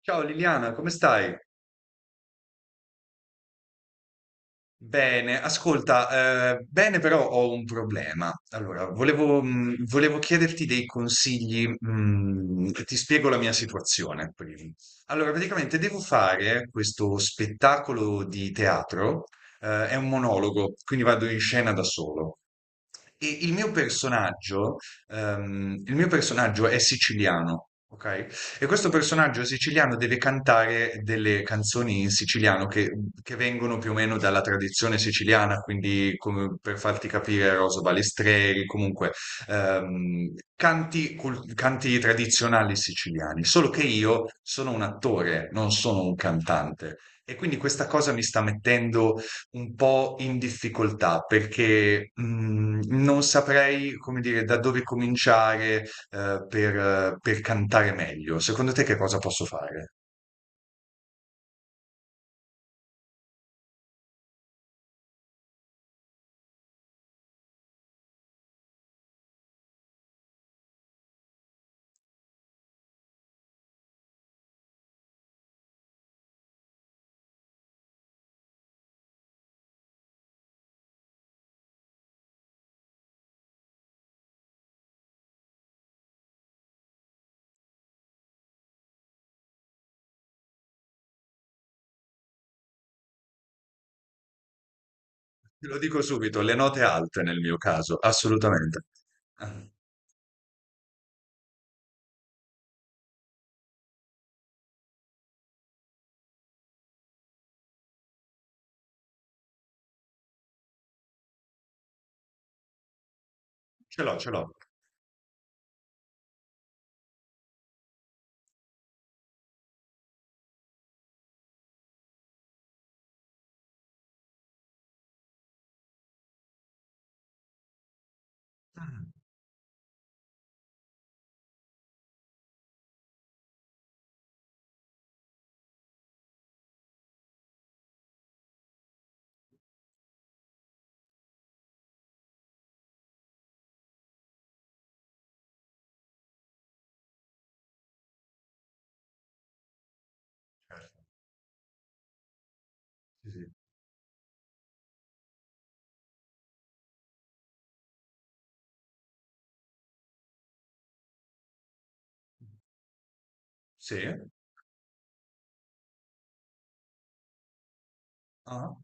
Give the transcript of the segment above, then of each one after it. Ciao Liliana, come stai? Bene, ascolta, bene però ho un problema. Allora, volevo, volevo chiederti dei consigli, ti spiego la mia situazione prima. Allora, praticamente devo fare questo spettacolo di teatro, è un monologo, quindi vado in scena da solo. E il mio personaggio è siciliano, ok? E questo personaggio siciliano deve cantare delle canzoni in siciliano che vengono più o meno dalla tradizione siciliana, quindi come per farti capire Rosa Balestreri, comunque canti, canti tradizionali siciliani. Solo che io sono un attore, non sono un cantante. E quindi questa cosa mi sta mettendo un po' in difficoltà perché non saprei, come dire, da dove cominciare per cantare meglio. Secondo te che cosa posso fare? Te lo dico subito, le note alte nel mio caso, assolutamente. Ah. Ce l'ho, ce l'ho. Mm. Sì. Sì? Sì? Ah.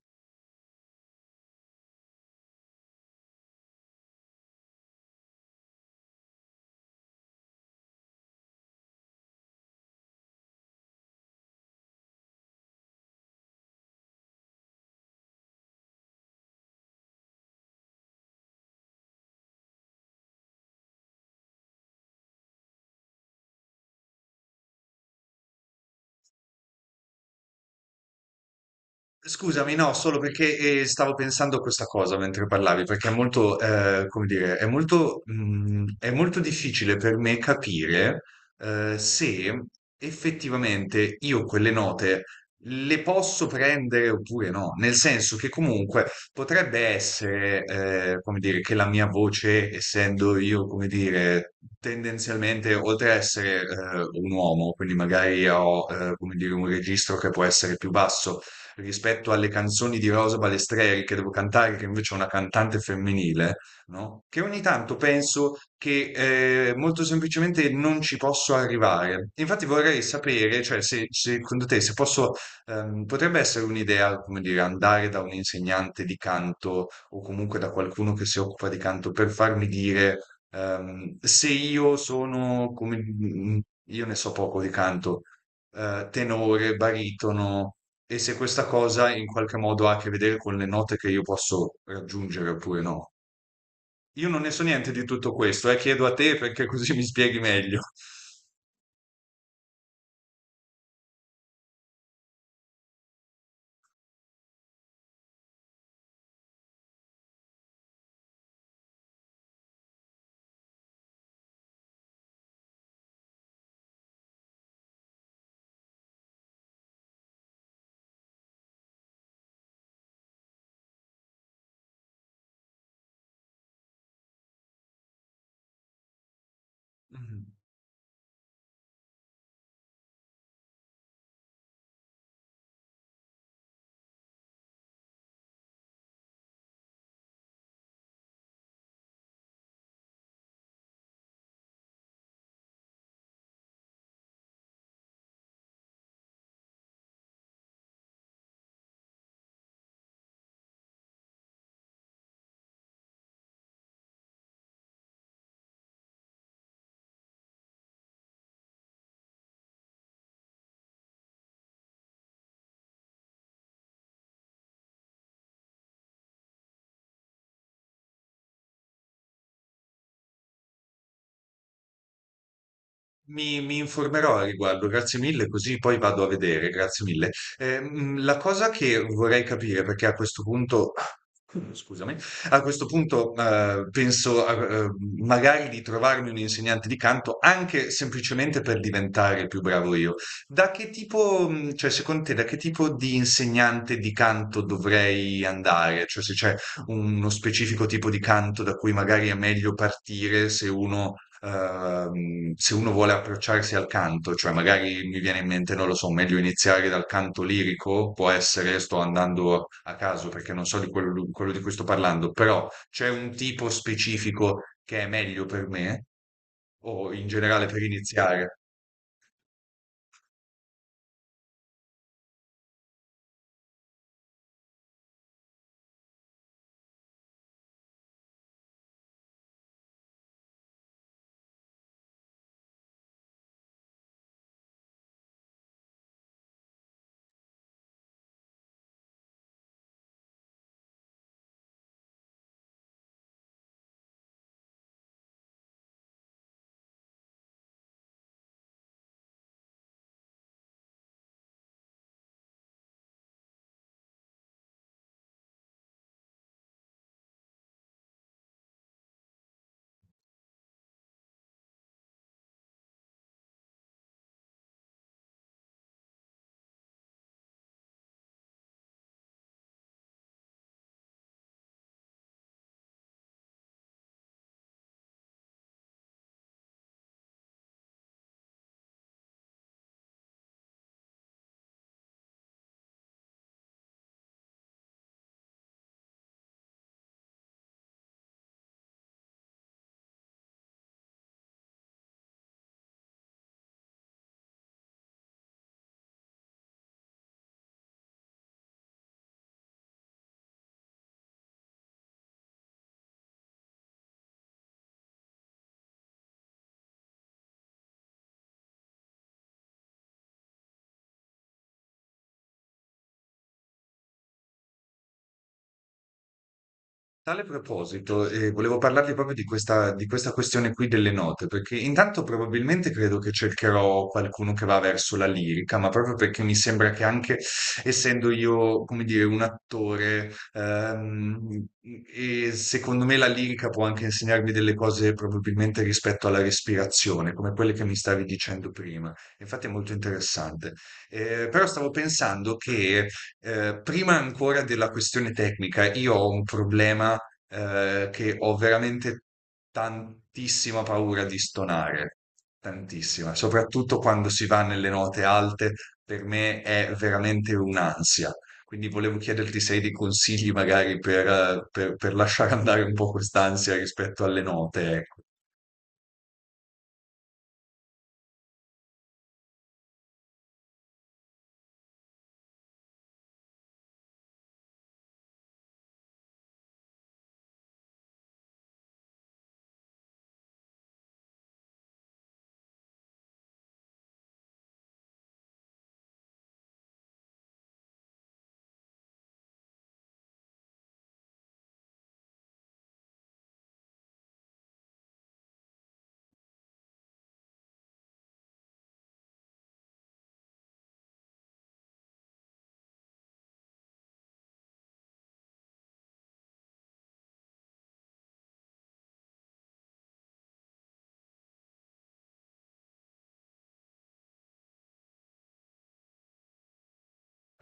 Scusami, no, solo perché stavo pensando a questa cosa mentre parlavi, perché è molto, come dire, è molto, è molto difficile per me capire se effettivamente io quelle note le posso prendere oppure no, nel senso che comunque potrebbe essere, come dire, che la mia voce, essendo io, come dire, tendenzialmente, oltre a essere un uomo, quindi magari ho, come dire, un registro che può essere più basso, rispetto alle canzoni di Rosa Balestreri che devo cantare, che invece è una cantante femminile, no? Che ogni tanto penso che molto semplicemente non ci posso arrivare. Infatti vorrei sapere, cioè, secondo te, se posso, potrebbe essere un'idea, come dire, andare da un insegnante di canto o comunque da qualcuno che si occupa di canto per farmi dire se io sono come io ne so poco di canto, tenore, baritono. E se questa cosa in qualche modo ha a che vedere con le note che io posso raggiungere oppure no. Io non ne so niente di tutto questo, chiedo a te perché così mi spieghi meglio. Mm. Mi informerò a riguardo, grazie mille, così poi vado a vedere, grazie mille. La cosa che vorrei capire, perché a questo punto. Mm. Scusami. A questo punto, eh, magari di trovarmi un insegnante di canto anche semplicemente per diventare più bravo io. Da che tipo, cioè, secondo te, da che tipo di insegnante di canto dovrei andare? Cioè, se c'è uno specifico tipo di canto da cui magari è meglio partire se uno se uno vuole approcciarsi al canto, cioè magari mi viene in mente, non lo so, meglio iniziare dal canto lirico, può essere, sto andando a caso perché non so di quello di cui sto parlando, però c'è un tipo specifico che è meglio per me o in generale per iniziare? Tale proposito, volevo parlarvi proprio di di questa questione qui delle note, perché intanto probabilmente credo che cercherò qualcuno che va verso la lirica, ma proprio perché mi sembra che anche essendo io, come dire, un attore, e secondo me la lirica può anche insegnarmi delle cose probabilmente rispetto alla respirazione, come quelle che mi stavi dicendo prima. Infatti è molto interessante. Però stavo pensando che prima ancora della questione tecnica, io ho un problema che ho veramente tantissima paura di stonare, tantissima, soprattutto quando si va nelle note alte, per me è veramente un'ansia. Quindi volevo chiederti se hai dei consigli magari per, per lasciare andare un po' quest'ansia rispetto alle note, ecco.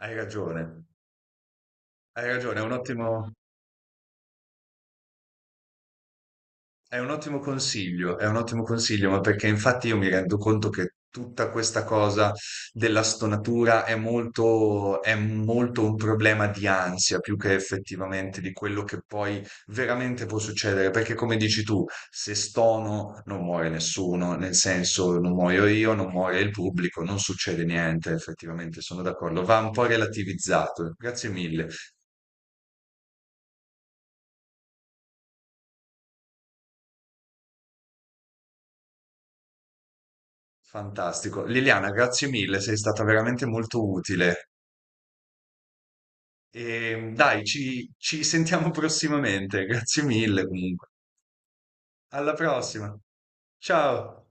Hai ragione, hai ragione, è un ottimo... È un ottimo consiglio, è un ottimo consiglio, ma perché infatti io mi rendo conto che tutta questa cosa della stonatura è molto un problema di ansia più che effettivamente di quello che poi veramente può succedere. Perché come dici tu, se stono non muore nessuno, nel senso non muoio io, non muore il pubblico, non succede niente, effettivamente sono d'accordo. Va un po' relativizzato. Grazie mille, fantastico. Liliana, grazie mille, sei stata veramente molto utile. E dai, ci, ci sentiamo prossimamente. Grazie mille comunque. Alla prossima. Ciao.